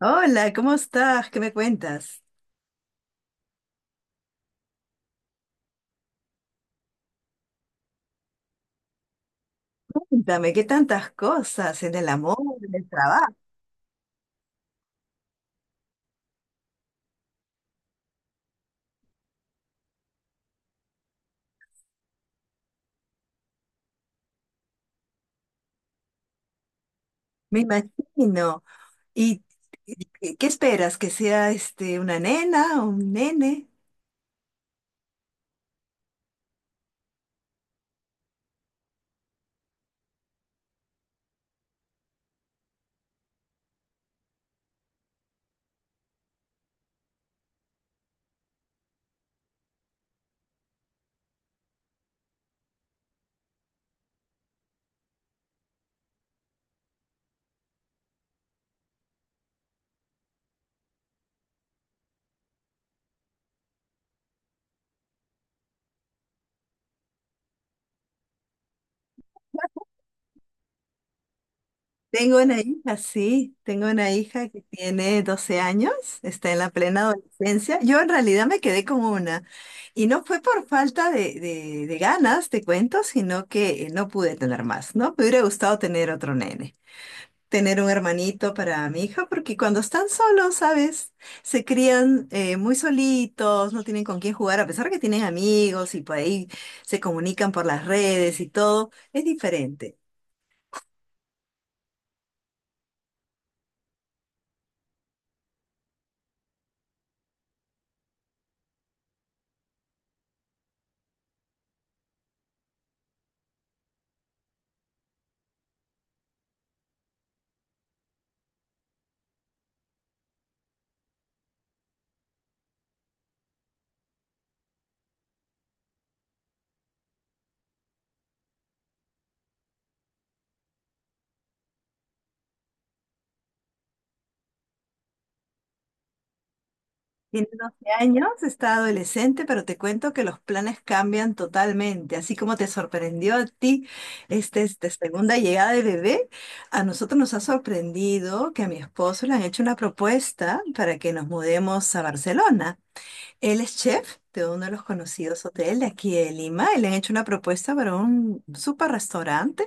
Hola, ¿cómo estás? ¿Qué me cuentas? Cuéntame, qué tantas cosas en el amor, en el trabajo, me imagino. ¿Y y qué esperas? ¿Que sea este una nena o un nene? Tengo una hija, sí, tengo una hija que tiene 12 años, está en la plena adolescencia. Yo en realidad me quedé con una y no fue por falta de ganas, te cuento, sino que no pude tener más, ¿no? Me hubiera gustado tener otro nene, tener un hermanito para mi hija, porque cuando están solos, ¿sabes? Se crían muy solitos, no tienen con quién jugar, a pesar que tienen amigos y por ahí se comunican por las redes y todo, es diferente. Tiene 12 años, está adolescente, pero te cuento que los planes cambian totalmente. Así como te sorprendió a ti esta segunda llegada de bebé, a nosotros nos ha sorprendido que a mi esposo le han hecho una propuesta para que nos mudemos a Barcelona. Él es chef de uno de los conocidos hoteles de aquí de Lima y le han hecho una propuesta para un super restaurante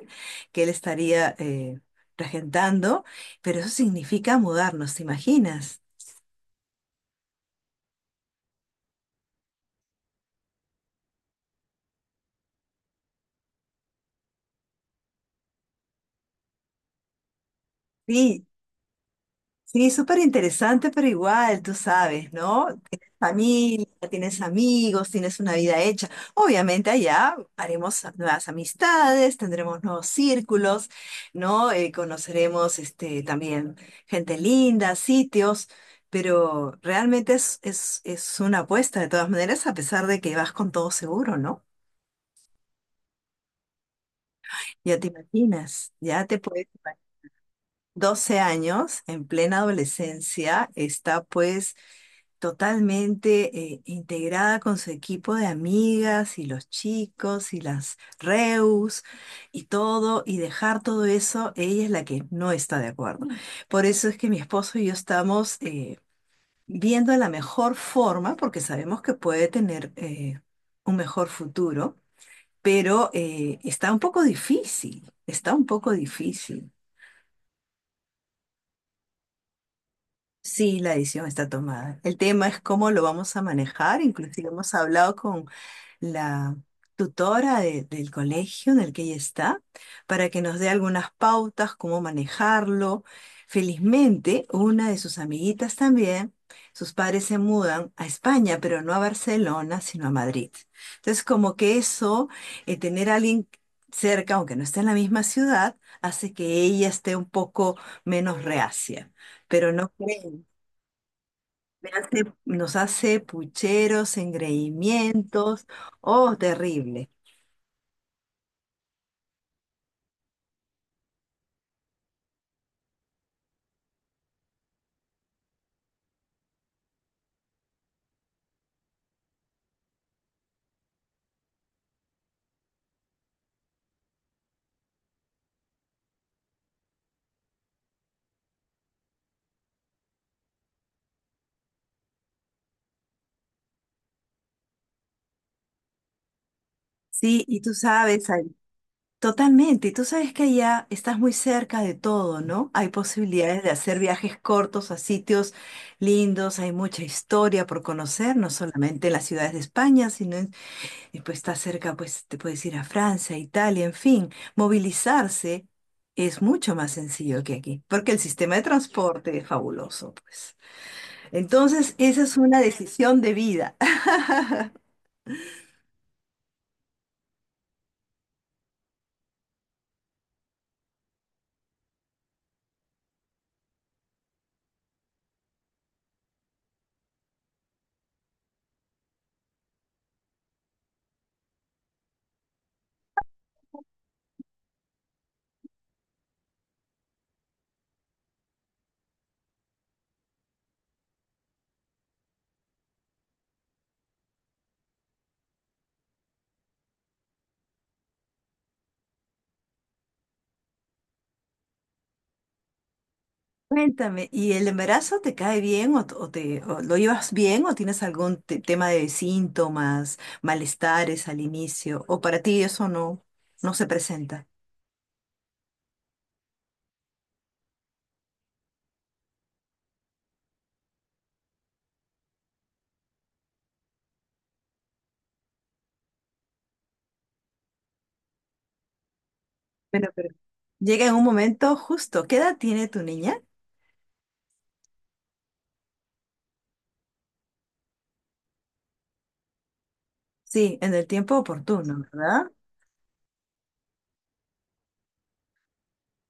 que él estaría regentando, pero eso significa mudarnos, ¿te imaginas? Sí, sí, súper interesante, pero igual, tú sabes, ¿no? Tienes familia, tienes amigos, tienes una vida hecha. Obviamente allá haremos nuevas amistades, tendremos nuevos círculos, ¿no? Conoceremos también gente linda, sitios, pero realmente es una apuesta de todas maneras, a pesar de que vas con todo seguro, ¿no? Ya te imaginas, ya te puedes imaginar. 12 años, en plena adolescencia, está pues totalmente integrada con su equipo de amigas y los chicos y las reus y todo, y dejar todo eso, ella es la que no está de acuerdo. Por eso es que mi esposo y yo estamos viendo la mejor forma, porque sabemos que puede tener un mejor futuro, pero está un poco difícil, está un poco difícil. Sí, la decisión está tomada. El tema es cómo lo vamos a manejar. Inclusive hemos hablado con la tutora del colegio en el que ella está para que nos dé algunas pautas, cómo manejarlo. Felizmente, una de sus amiguitas también, sus padres se mudan a España, pero no a Barcelona, sino a Madrid. Entonces, como que eso, tener a alguien cerca, aunque no esté en la misma ciudad, hace que ella esté un poco menos reacia. Pero no creen, nos hace pucheros, engreimientos, oh, terrible. Sí, y tú sabes, ay, totalmente, y tú sabes que allá estás muy cerca de todo, ¿no? Hay posibilidades de hacer viajes cortos a sitios lindos, hay mucha historia por conocer, no solamente en las ciudades de España, sino en, y pues estás cerca, pues te puedes ir a Francia, Italia, en fin, movilizarse es mucho más sencillo que aquí, porque el sistema de transporte es fabuloso, pues. Entonces, esa es una decisión de vida. Cuéntame, ¿y el embarazo te cae bien o, o te o lo llevas bien o tienes algún tema de síntomas, malestares al inicio o para ti eso no no se presenta? Bueno, pero llega en un momento justo. ¿Qué edad tiene tu niña? Sí, en el tiempo oportuno, ¿verdad?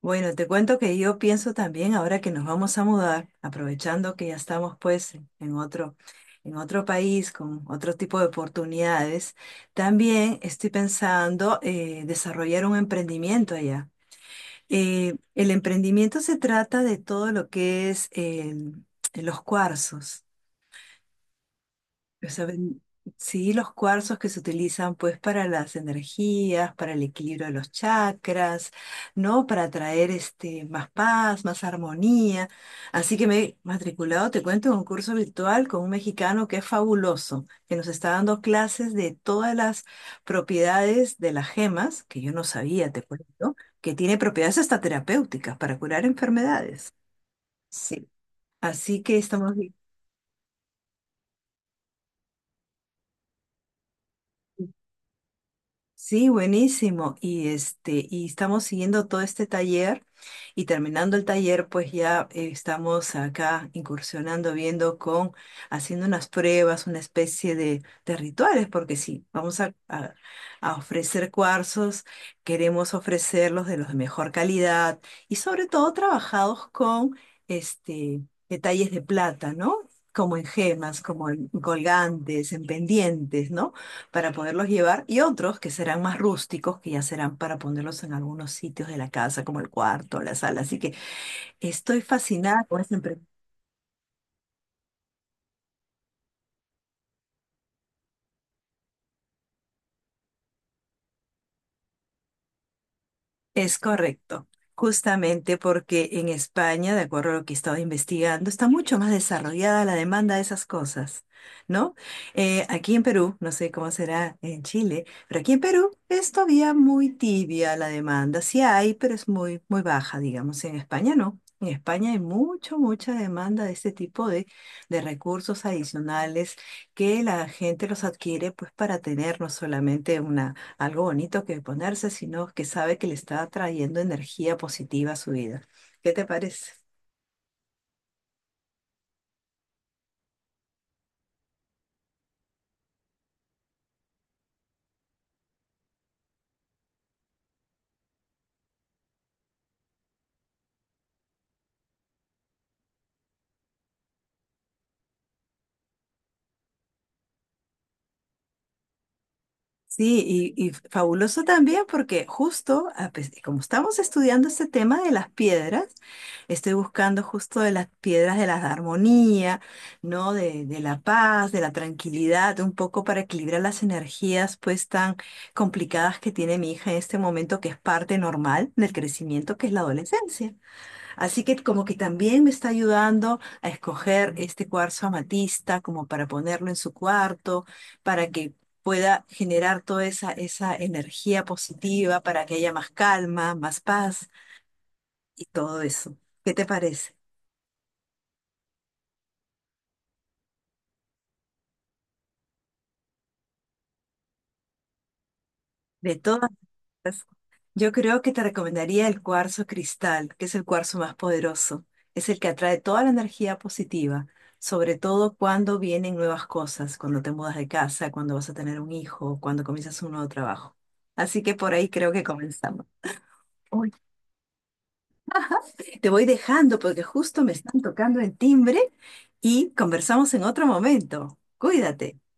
Bueno, te cuento que yo pienso también ahora que nos vamos a mudar, aprovechando que ya estamos pues en otro, en otro país con otro tipo de oportunidades, también estoy pensando desarrollar un emprendimiento allá. El emprendimiento se trata de todo lo que es el, los cuarzos. O sea, sí, los cuarzos que se utilizan pues para las energías, para el equilibrio de los chakras, ¿no? Para traer más paz, más armonía. Así que me he matriculado, te cuento, en un curso virtual con un mexicano que es fabuloso, que nos está dando clases de todas las propiedades de las gemas, que yo no sabía, te cuento, ¿no? Que tiene propiedades hasta terapéuticas para curar enfermedades. Sí. Así que estamos bien. Sí, buenísimo. Y estamos siguiendo todo este taller y terminando el taller, pues ya estamos acá incursionando, viendo con, haciendo unas pruebas, una especie de rituales, porque sí, vamos a, a ofrecer cuarzos, queremos ofrecerlos de los de mejor calidad y sobre todo trabajados con este detalles de plata, ¿no? Como en gemas, como en colgantes, en pendientes, ¿no? Para poderlos llevar y otros que serán más rústicos, que ya serán para ponerlos en algunos sitios de la casa, como el cuarto, la sala. Así que estoy fascinada con esa. Es correcto, justamente porque en España, de acuerdo a lo que he estado investigando, está mucho más desarrollada la demanda de esas cosas, ¿no? Aquí en Perú, no sé cómo será en Chile, pero aquí en Perú es todavía muy tibia la demanda. Sí hay, pero es muy, muy baja, digamos. En España no. En España hay mucho, mucha demanda de este tipo de recursos adicionales que la gente los adquiere pues para tener no solamente una algo bonito que ponerse, sino que sabe que le está trayendo energía positiva a su vida. ¿Qué te parece? Sí, y fabuloso también porque justo, como estamos estudiando este tema de las piedras, estoy buscando justo de las piedras de la armonía, ¿no? De la paz, de la tranquilidad, un poco para equilibrar las energías pues tan complicadas que tiene mi hija en este momento, que es parte normal del crecimiento que es la adolescencia. Así que como que también me está ayudando a escoger este cuarzo amatista como para ponerlo en su cuarto, para que pueda generar toda esa energía positiva, para que haya más calma, más paz y todo eso. ¿Qué te parece? De todas. Yo creo que te recomendaría el cuarzo cristal, que es el cuarzo más poderoso. Es el que atrae toda la energía positiva, sobre todo cuando vienen nuevas cosas, cuando te mudas de casa, cuando vas a tener un hijo, cuando comienzas un nuevo trabajo. Así que por ahí creo que comenzamos. Uy, te voy dejando porque justo me están tocando el timbre y conversamos en otro momento. Cuídate.